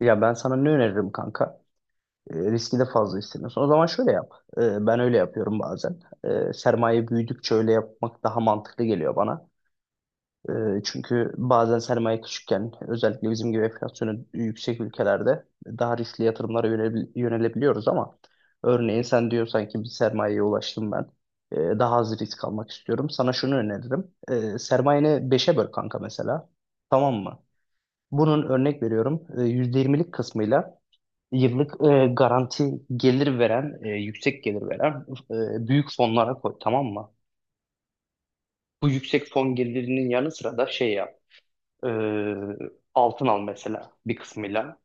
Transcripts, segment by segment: Ya ben sana ne öneririm kanka? Riski de fazla istemiyorsun. O zaman şöyle yap. Ben öyle yapıyorum bazen. Sermaye büyüdükçe öyle yapmak daha mantıklı geliyor bana. E, çünkü bazen sermaye küçükken özellikle bizim gibi enflasyonu yüksek ülkelerde daha riskli yatırımlara yönelebiliyoruz ama örneğin sen diyorsan ki bir sermayeye ulaştım ben. Daha az risk almak istiyorum. Sana şunu öneririm. Sermayeni beşe böl kanka mesela. Tamam mı? Bunun örnek veriyorum. %20'lik kısmıyla yıllık garanti gelir veren, yüksek gelir veren, büyük fonlara koy, tamam mı? Bu yüksek fon gelirinin yanı sıra da şey yap, e, altın al mesela bir kısmıyla.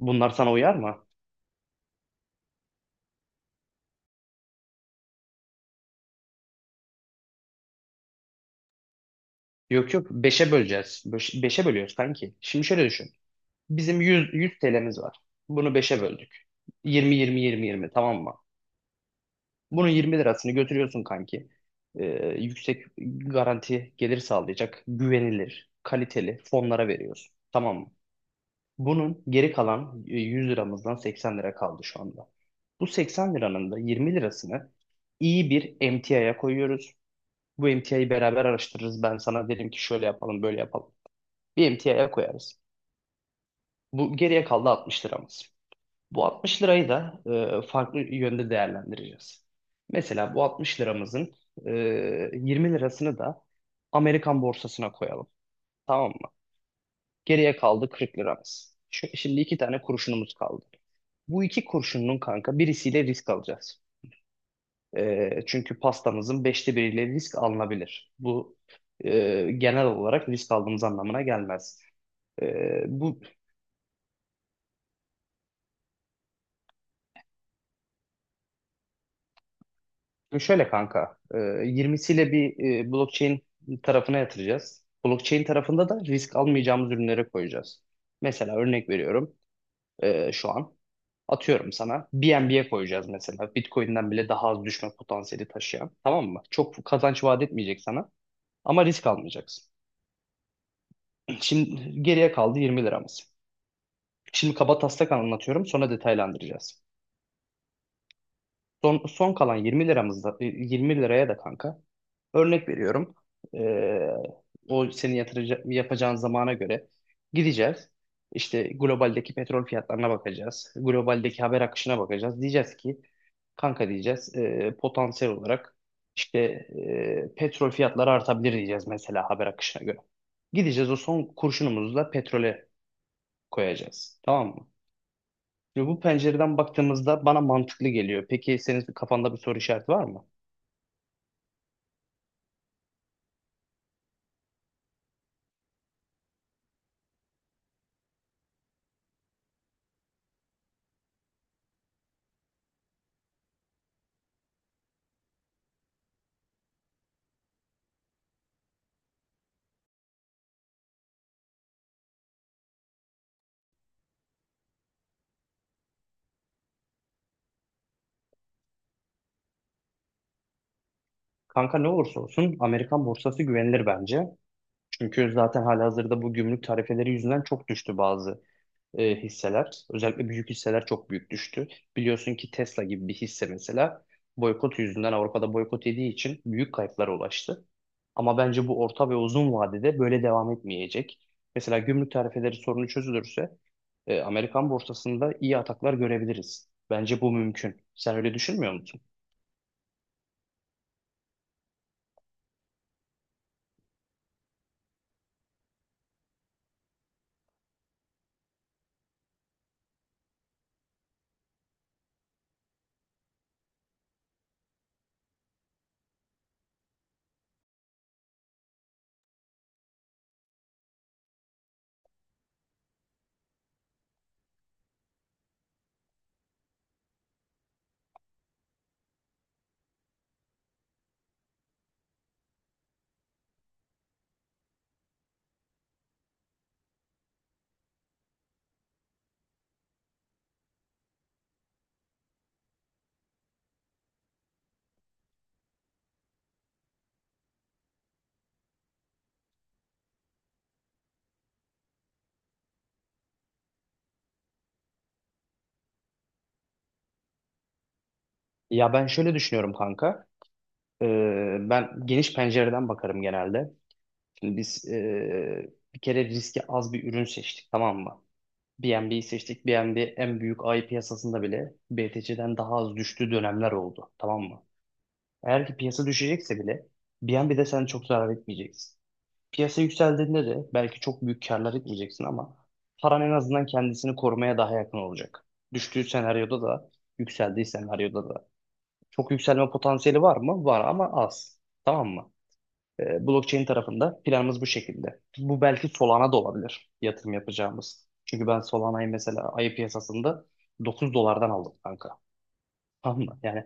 Bunlar sana uyar mı? Yok yok, beşe böleceğiz. Beşe bölüyoruz kanki. Şimdi şöyle düşün. Bizim 100 TL'miz var. Bunu beşe böldük. 20, 20, 20, 20, tamam mı? Bunun 20 lirasını götürüyorsun kanki. E, yüksek garanti gelir sağlayacak, güvenilir, kaliteli fonlara veriyorsun. Tamam mı? Bunun geri kalan 100 liramızdan 80 lira kaldı şu anda. Bu 80 liranın da 20 lirasını iyi bir emtiaya koyuyoruz. Bu emtiayı beraber araştırırız. Ben sana derim ki şöyle yapalım, böyle yapalım. Bir emtiaya koyarız. Bu geriye kaldı 60 liramız. Bu 60 lirayı da farklı yönde değerlendireceğiz. Mesela bu 60 liramızın e, 20 lirasını da Amerikan borsasına koyalım. Tamam mı? Geriye kaldı 40 liramız. Şimdi iki tane kuruşunumuz kaldı. Bu iki kurşunun kanka birisiyle risk alacağız. Çünkü pastamızın beşte biriyle risk alınabilir. Bu genel olarak risk aldığımız anlamına gelmez. Bu şöyle kanka, 20'siyle bir blockchain tarafına yatıracağız. Blockchain tarafında da risk almayacağımız ürünlere koyacağız. Mesela örnek veriyorum, şu an atıyorum sana BNB'ye koyacağız mesela. Bitcoin'den bile daha az düşme potansiyeli taşıyan, tamam mı? Çok kazanç vaat etmeyecek sana ama risk almayacaksın. Şimdi geriye kaldı 20 liramız. Şimdi kaba taslak anlatıyorum, sonra detaylandıracağız. Son kalan 20 liramızda 20 liraya da kanka örnek veriyorum. Ee, o senin yapacağın zamana göre gideceğiz. İşte globaldeki petrol fiyatlarına bakacağız. Globaldeki haber akışına bakacağız. Diyeceğiz ki kanka, diyeceğiz potansiyel olarak işte petrol fiyatları artabilir diyeceğiz mesela, haber akışına göre. Gideceğiz, o son kurşunumuzu da petrole koyacağız. Tamam mı? Şimdi bu pencereden baktığımızda bana mantıklı geliyor. Peki senin kafanda bir soru işareti var mı? Kanka, ne olursa olsun Amerikan borsası güvenilir bence. Çünkü zaten halihazırda bu gümrük tarifeleri yüzünden çok düştü bazı hisseler. Özellikle büyük hisseler çok büyük düştü. Biliyorsun ki Tesla gibi bir hisse mesela boykot yüzünden Avrupa'da boykot yediği için büyük kayıplara ulaştı. Ama bence bu orta ve uzun vadede böyle devam etmeyecek. Mesela gümrük tarifeleri sorunu çözülürse Amerikan borsasında iyi ataklar görebiliriz. Bence bu mümkün. Sen öyle düşünmüyor musun? Ya ben şöyle düşünüyorum kanka. E, ben geniş pencereden bakarım genelde. Şimdi biz bir kere riski az bir ürün seçtik, tamam mı? BNB'yi seçtik. BNB en büyük ay piyasasında bile BTC'den daha az düştüğü dönemler oldu. Tamam mı? Eğer ki piyasa düşecekse bile BNB'de sen çok zarar etmeyeceksin. Piyasa yükseldiğinde de belki çok büyük karlar etmeyeceksin ama paran en azından kendisini korumaya daha yakın olacak. Düştüğü senaryoda da, yükseldiği senaryoda da. Çok yükselme potansiyeli var mı? Var ama az. Tamam mı? Blockchain tarafında planımız bu şekilde. Bu belki Solana da olabilir yatırım yapacağımız. Çünkü ben Solana'yı mesela ayı piyasasında 9 dolardan aldım kanka. Tamam mı? Yani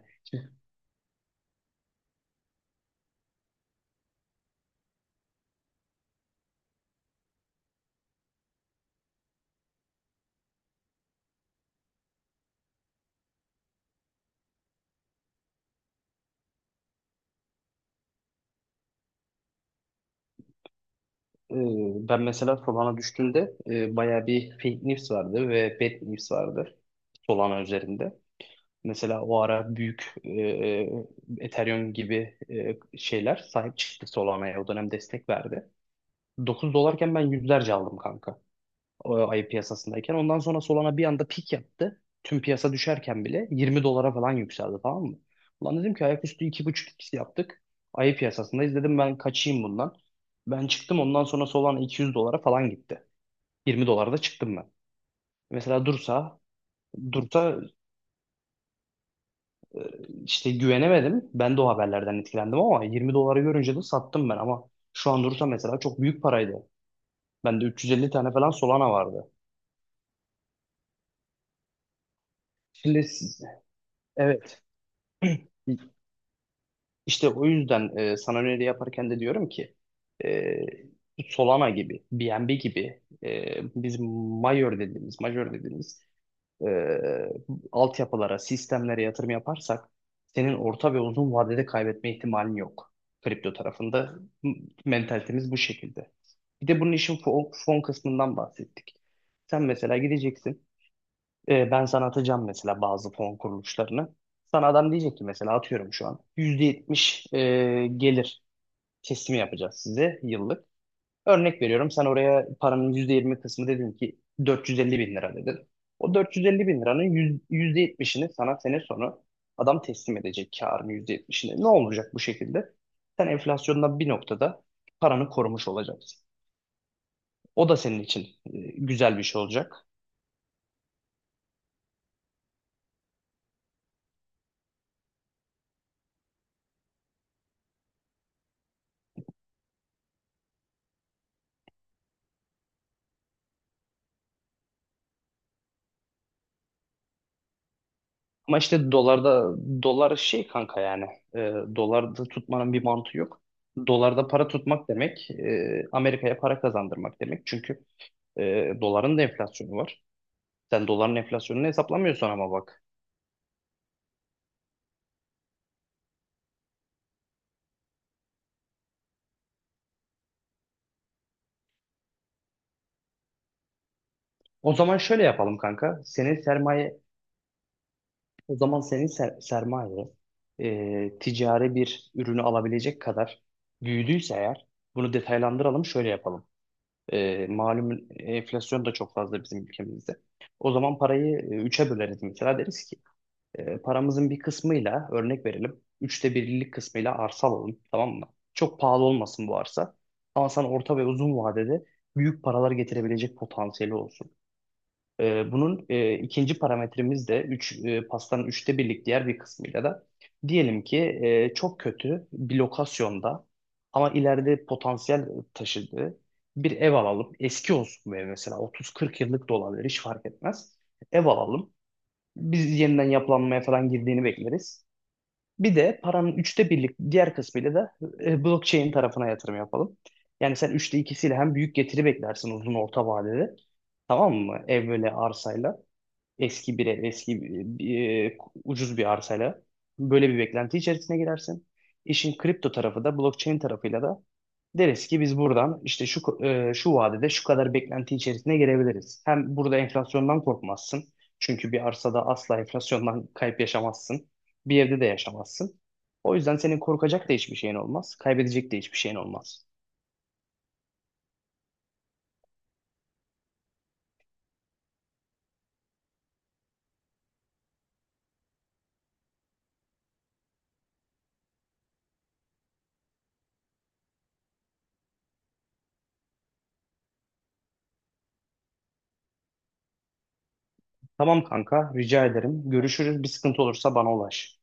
ben mesela Solana düştüğünde bayağı bir fake news vardı ve bad news vardı Solana üzerinde. Mesela o ara büyük Ethereum gibi şeyler sahip çıktı Solana'ya. O dönem destek verdi. 9 dolarken ben yüzlerce aldım kanka. O ayı piyasasındayken. Ondan sonra Solana bir anda pik yaptı. Tüm piyasa düşerken bile 20 dolara falan yükseldi, tamam mı? Ulan dedim ki ayaküstü iki buçuk x yaptık. Ayı piyasasındayız. Dedim ben kaçayım bundan. Ben çıktım, ondan sonra Solana 200 dolara falan gitti. 20 dolarda çıktım ben. Mesela dursa. İşte güvenemedim. Ben de o haberlerden etkilendim ama 20 dolara görünce de sattım ben, ama şu an dursa mesela çok büyük paraydı. Bende 350 tane falan Solana vardı. Şimdi siz- evet, işte o yüzden sana öneri yaparken de diyorum ki e, Solana gibi, BNB gibi, biz Major dediğimiz, e, altyapılara, sistemlere yatırım yaparsak senin orta ve uzun vadede kaybetme ihtimalin yok. Kripto tarafında m- mentalitemiz bu şekilde. Bir de bunun işin fon kısmından bahsettik. Sen mesela gideceksin. Ben sana atacağım mesela bazı fon kuruluşlarını. Sana adam diyecek ki mesela atıyorum şu an, %70 gelir teslimi yapacağız size yıllık. Örnek veriyorum, sen oraya paranın %20 kısmı dedin ki 450 bin lira dedin. O 450 bin liranın %70'ini sana sene sonu adam teslim edecek, karın %70'ini. Ne olacak bu şekilde? Sen enflasyondan bir noktada paranı korumuş olacaksın. O da senin için güzel bir şey olacak. Ama işte dolarda, dolar şey kanka yani, e, dolarda tutmanın bir mantığı yok. Dolarda para tutmak demek Amerika'ya para kazandırmak demek. Çünkü doların da enflasyonu var. Sen doların enflasyonunu hesaplamıyorsun ama bak. O zaman şöyle yapalım kanka. Senin sermaye, o zaman senin sermaye ticari bir ürünü alabilecek kadar büyüdüyse eğer, bunu detaylandıralım, şöyle yapalım. Malum enflasyon da çok fazla bizim ülkemizde. O zaman parayı üçe böleriz mesela, deriz ki paramızın bir kısmıyla örnek verelim. Üçte birlik kısmıyla arsa alalım, tamam mı? Çok pahalı olmasın bu arsa. Ama sana orta ve uzun vadede büyük paralar getirebilecek potansiyeli olsun. Bunun ikinci parametremiz de 3, pastanın üçte birlik diğer bir kısmıyla da diyelim ki çok kötü bir lokasyonda ama ileride potansiyel taşıdığı bir ev alalım. Eski olsun bu ev, mesela 30-40 yıllık da olabilir, hiç fark etmez. Ev alalım. Biz yeniden yapılanmaya falan girdiğini bekleriz. Bir de paranın üçte birlik diğer kısmıyla da blockchain tarafına yatırım yapalım. Yani sen üçte ikisiyle hem büyük getiri beklersin uzun orta vadede. Tamam mı? Ev böyle arsayla. Eski bir ev, ucuz bir arsayla böyle bir beklenti içerisine girersin. İşin kripto tarafı da blockchain tarafıyla da deriz ki biz buradan işte şu vadede şu kadar beklenti içerisine girebiliriz. Hem burada enflasyondan korkmazsın. Çünkü bir arsada asla enflasyondan kayıp yaşamazsın. Bir evde de yaşamazsın. O yüzden senin korkacak da hiçbir şeyin olmaz. Kaybedecek de hiçbir şeyin olmaz. Tamam kanka, rica ederim. Görüşürüz. Bir sıkıntı olursa bana ulaş.